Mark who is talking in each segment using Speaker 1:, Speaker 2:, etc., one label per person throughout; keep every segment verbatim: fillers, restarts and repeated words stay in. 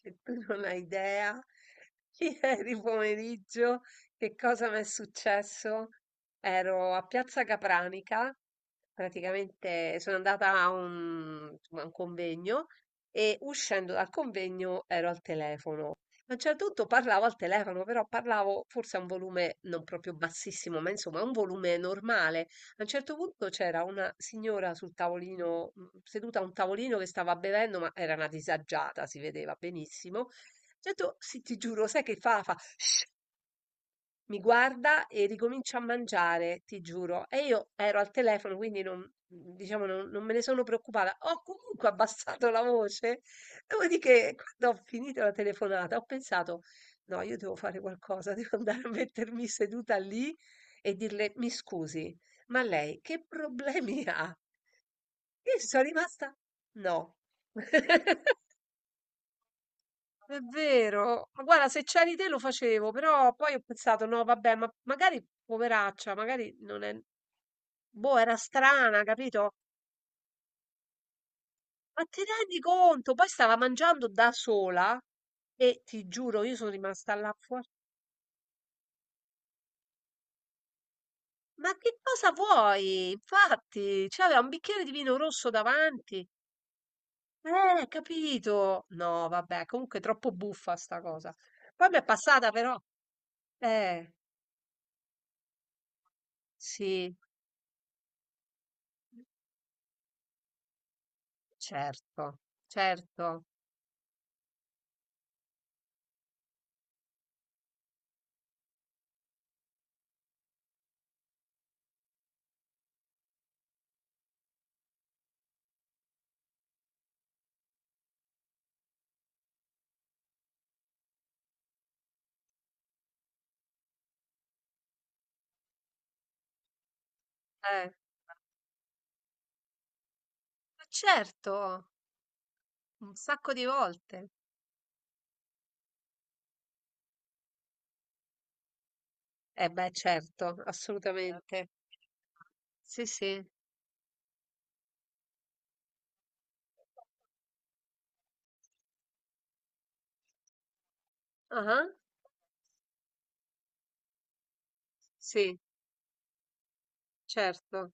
Speaker 1: Che tu non hai idea, ieri pomeriggio che cosa mi è successo? Ero a Piazza Capranica. Praticamente sono andata a un, insomma, a un convegno e uscendo dal convegno ero al telefono. A un certo punto parlavo al telefono, però parlavo forse a un volume non proprio bassissimo, ma insomma a un volume normale. A un certo punto c'era una signora sul tavolino, mm, seduta a un tavolino che stava bevendo, ma era una disagiata, si vedeva benissimo. Ho detto, sì, ti giuro, sai che fa? Fa, mi guarda e ricomincia a mangiare, ti giuro. E io ero al telefono, quindi non, mhmm, diciamo, non, non me ne sono preoccupata. Ho comunque abbassato la voce. Dopodiché, quando ho finito la telefonata, ho pensato, no, io devo fare qualcosa, devo andare a mettermi seduta lì e dirle, mi scusi, ma lei che problemi ha? Io sono rimasta, no. È vero, ma guarda, se c'eri te lo facevo, però poi ho pensato, no, vabbè, ma magari poveraccia, magari non è. Boh, era strana, capito? Ma ti rendi conto? Poi stava mangiando da sola e ti giuro, io sono rimasta là fuori. Ma che cosa vuoi? Infatti, c'aveva un bicchiere di vino rosso davanti. Eh, capito? No, vabbè, comunque è troppo buffa sta cosa. Poi mi è passata però. Eh, sì, certo, certo. Eh, ma certo, un sacco di volte. Eh beh, certo, assolutamente. Sì, sì. Ah, sì, certo.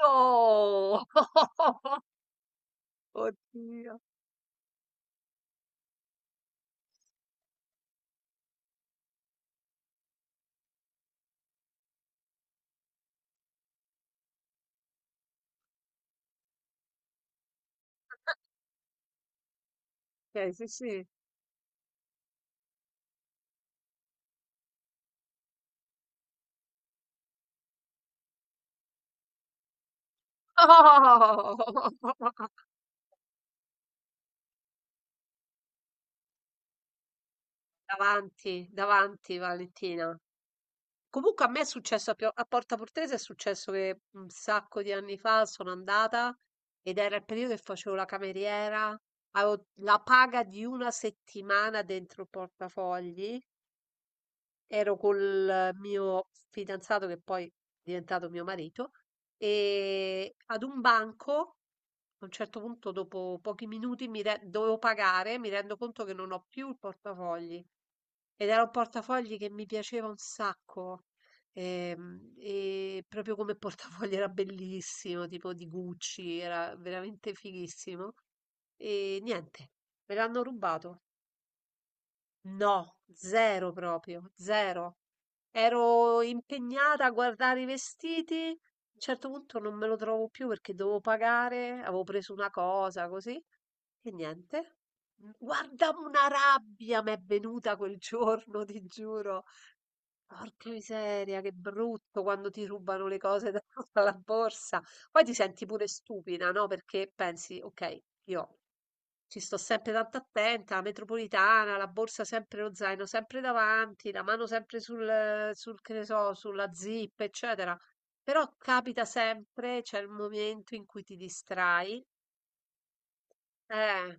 Speaker 1: Oh, oddio. Ok, sì, sì. Oh! Davanti, davanti, Valentina. Comunque a me è successo a Pio- a Porta Portese, è successo che un sacco di anni fa sono andata ed era il periodo che facevo la cameriera, avevo la paga di una settimana dentro il portafogli, ero col mio fidanzato che poi è diventato mio marito e ad un banco, a un certo punto dopo pochi minuti mi re- dovevo pagare, mi rendo conto che non ho più il portafogli. Ed era un portafogli che mi piaceva un sacco. ehm, E, proprio come portafogli era bellissimo, tipo di Gucci, era veramente fighissimo. E niente, me l'hanno rubato. No, zero proprio, zero. Ero impegnata a guardare i vestiti. A un certo punto non me lo trovo più perché dovevo pagare, avevo preso una cosa così. E niente. Guarda, una rabbia mi è venuta quel giorno, ti giuro. Porca miseria, che brutto quando ti rubano le cose da- dalla borsa. Poi ti senti pure stupida, no? Perché pensi, ok, io ci sto sempre tanto attenta, la metropolitana, la borsa sempre, lo zaino sempre davanti, la mano sempre sul, sul, che ne so, sulla zip, eccetera. Però capita sempre, c'è il momento in cui ti distrai. Eh,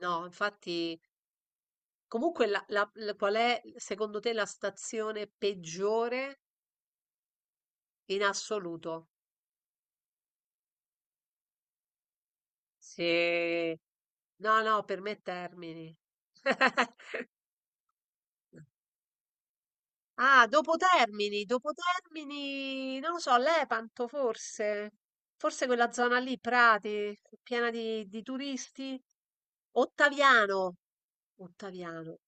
Speaker 1: no, infatti, comunque la- la- la- qual è secondo te la stazione peggiore in assoluto? Sì, no, no, per me Termini. Ah, dopo Termini, dopo Termini, non lo so, Lepanto forse, forse quella zona lì, Prati, piena di, di turisti. Ottaviano, Ottaviano,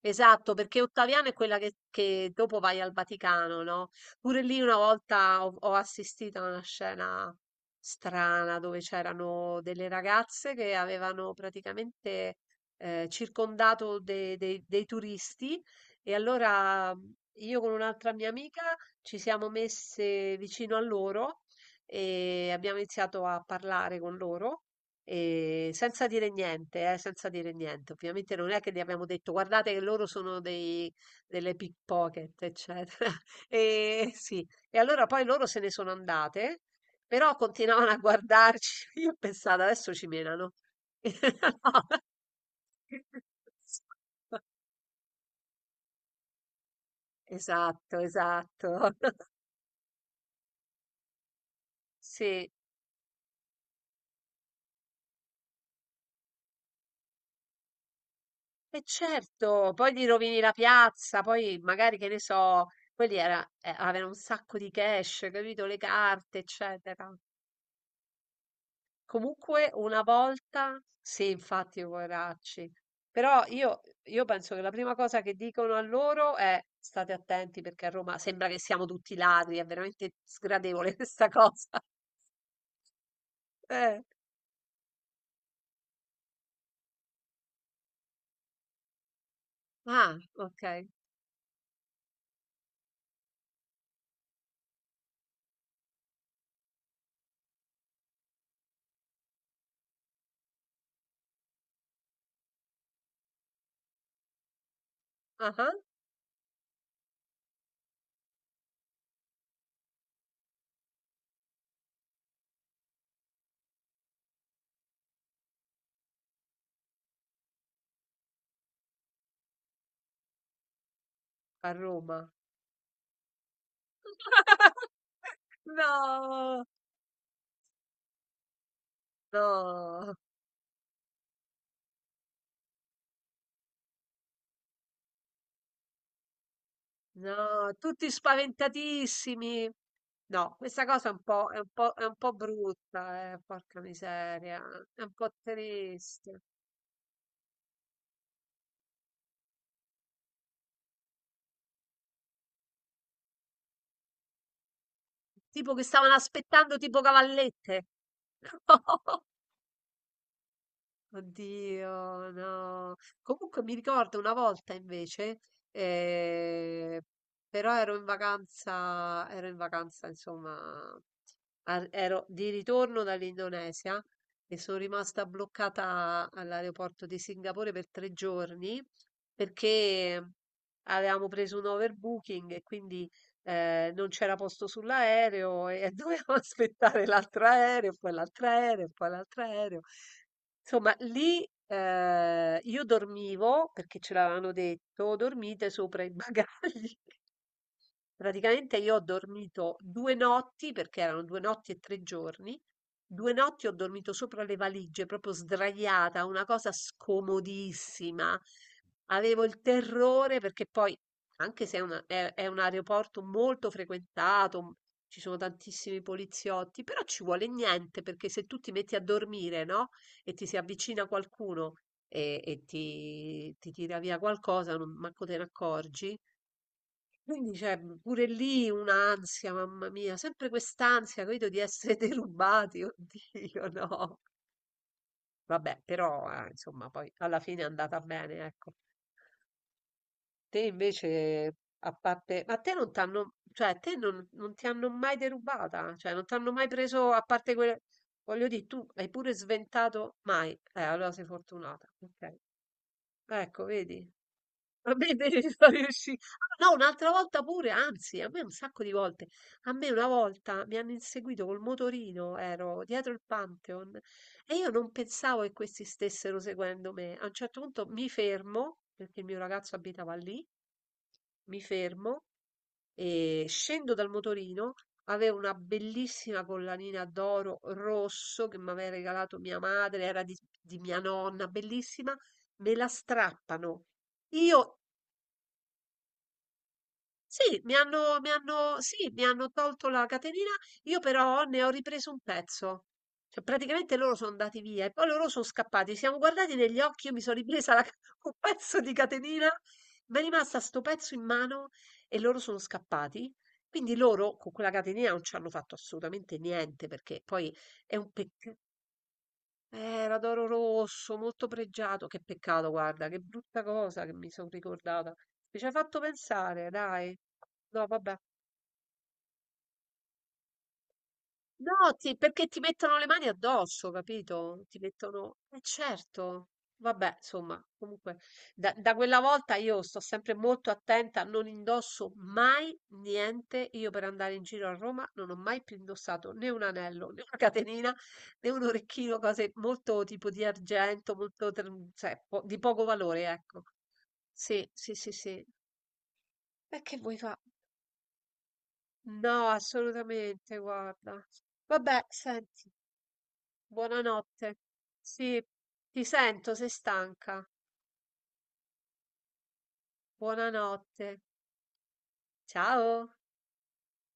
Speaker 1: esatto, perché Ottaviano è quella che, che dopo vai al Vaticano, no? Pure lì una volta ho, ho assistito a una scena strana dove c'erano delle ragazze che avevano praticamente eh, circondato de- de- dei turisti e allora mh, io con un'altra mia amica ci siamo messe vicino a loro e abbiamo iniziato a parlare con loro. E senza dire niente, eh, senza dire niente. Ovviamente non è che gli abbiamo detto guardate che loro sono dei, delle pickpocket, eccetera. E sì, e allora poi loro se ne sono andate, però continuavano a guardarci. Io pensavo adesso ci menano. No. Esatto, esatto. Sì. E certo, poi gli rovini la piazza, poi magari che ne so, quelli era, eh, aveva un sacco di cash, capito? Le carte, eccetera. Comunque una volta, sì, infatti, poveracci. Però io, io penso che la prima cosa che dicono a loro è state attenti perché a Roma sembra che siamo tutti ladri, è veramente sgradevole questa cosa. Eh. Ah, ok. Ah, ah, a Roma. No, no. No, tutti spaventatissimi. No, questa cosa è un po', è un po', è un po' brutta, eh, porca miseria. È un po' triste. Tipo che stavano aspettando tipo cavallette. Oddio, no. Comunque mi ricordo una volta invece, eh, però ero in vacanza, ero in vacanza, insomma, a- ero di ritorno dall'Indonesia e sono rimasta bloccata all'aeroporto di Singapore per tre giorni perché avevamo preso un overbooking e quindi eh, non c'era posto sull'aereo e dovevamo aspettare l'altro aereo, poi l'altro aereo, poi l'altro aereo. Insomma, lì eh, io dormivo perché ce l'avevano detto, dormite sopra i bagagli. Praticamente io ho dormito due notti, perché erano due notti e tre giorni, due notti ho dormito sopra le valigie, proprio sdraiata, una cosa scomodissima. Avevo il terrore perché poi, anche se è, una- è- è un aeroporto molto frequentato, m- ci sono tantissimi poliziotti, però ci vuole niente perché se tu ti metti a dormire, no? E ti si avvicina qualcuno e, e ti, ti tira via qualcosa, non manco te ne accorgi. Quindi c'è pure lì un'ansia, mamma mia, sempre quest'ansia, credo di essere derubati, oddio, no. Vabbè, però, eh, insomma, poi alla fine è andata bene, ecco. Te invece, a parte. Ma te non t'hanno. Cioè, te non, non ti hanno mai derubata, cioè, non ti hanno mai preso, a parte quelle. Voglio dire, tu hai pure sventato mai. Eh, allora sei fortunata, ok. Ecco, vedi? Vabbè devi riusci ah no, un'altra volta pure, anzi a me un sacco di volte. A me una volta mi hanno inseguito col motorino, ero dietro il Pantheon e io non pensavo che questi stessero seguendo me. A un certo punto mi fermo, perché il mio ragazzo abitava lì, mi fermo e scendo dal motorino. Avevo una bellissima collanina d'oro rosso che mi aveva regalato mia madre, era di, di mia nonna, bellissima. Me la strappano. Io Sì, mi hanno mi hanno sì, mi hanno tolto la catenina, io però ne ho ripreso un pezzo. Cioè, praticamente loro sono andati via e poi loro sono scappati. Ci siamo guardati negli occhi, io mi sono ripresa la ca- un pezzo di catenina, mi è rimasta sto pezzo in mano e loro sono scappati. Quindi loro con quella catenina non ci hanno fatto assolutamente niente perché poi è un peccato. Eh, era d'oro rosso, molto pregiato. Che peccato, guarda, che brutta cosa che mi sono ricordata. Mi ci hai fatto pensare, dai. No, vabbè. No, ti- perché ti mettono le mani addosso, capito? Ti mettono. Eh certo, vabbè, insomma, comunque, da, da quella volta io sto sempre molto attenta, non indosso mai niente. Io per andare in giro a Roma non ho mai più indossato né un anello, né una catenina, né un orecchino, cose molto tipo di argento, molto, ter- cioè, po- di poco valore, ecco. Sì, sì, sì, sì. E che vuoi fare? No, assolutamente, guarda. Vabbè, senti. Buonanotte. Sì, ti sento, sei stanca. Buonanotte. Ciao.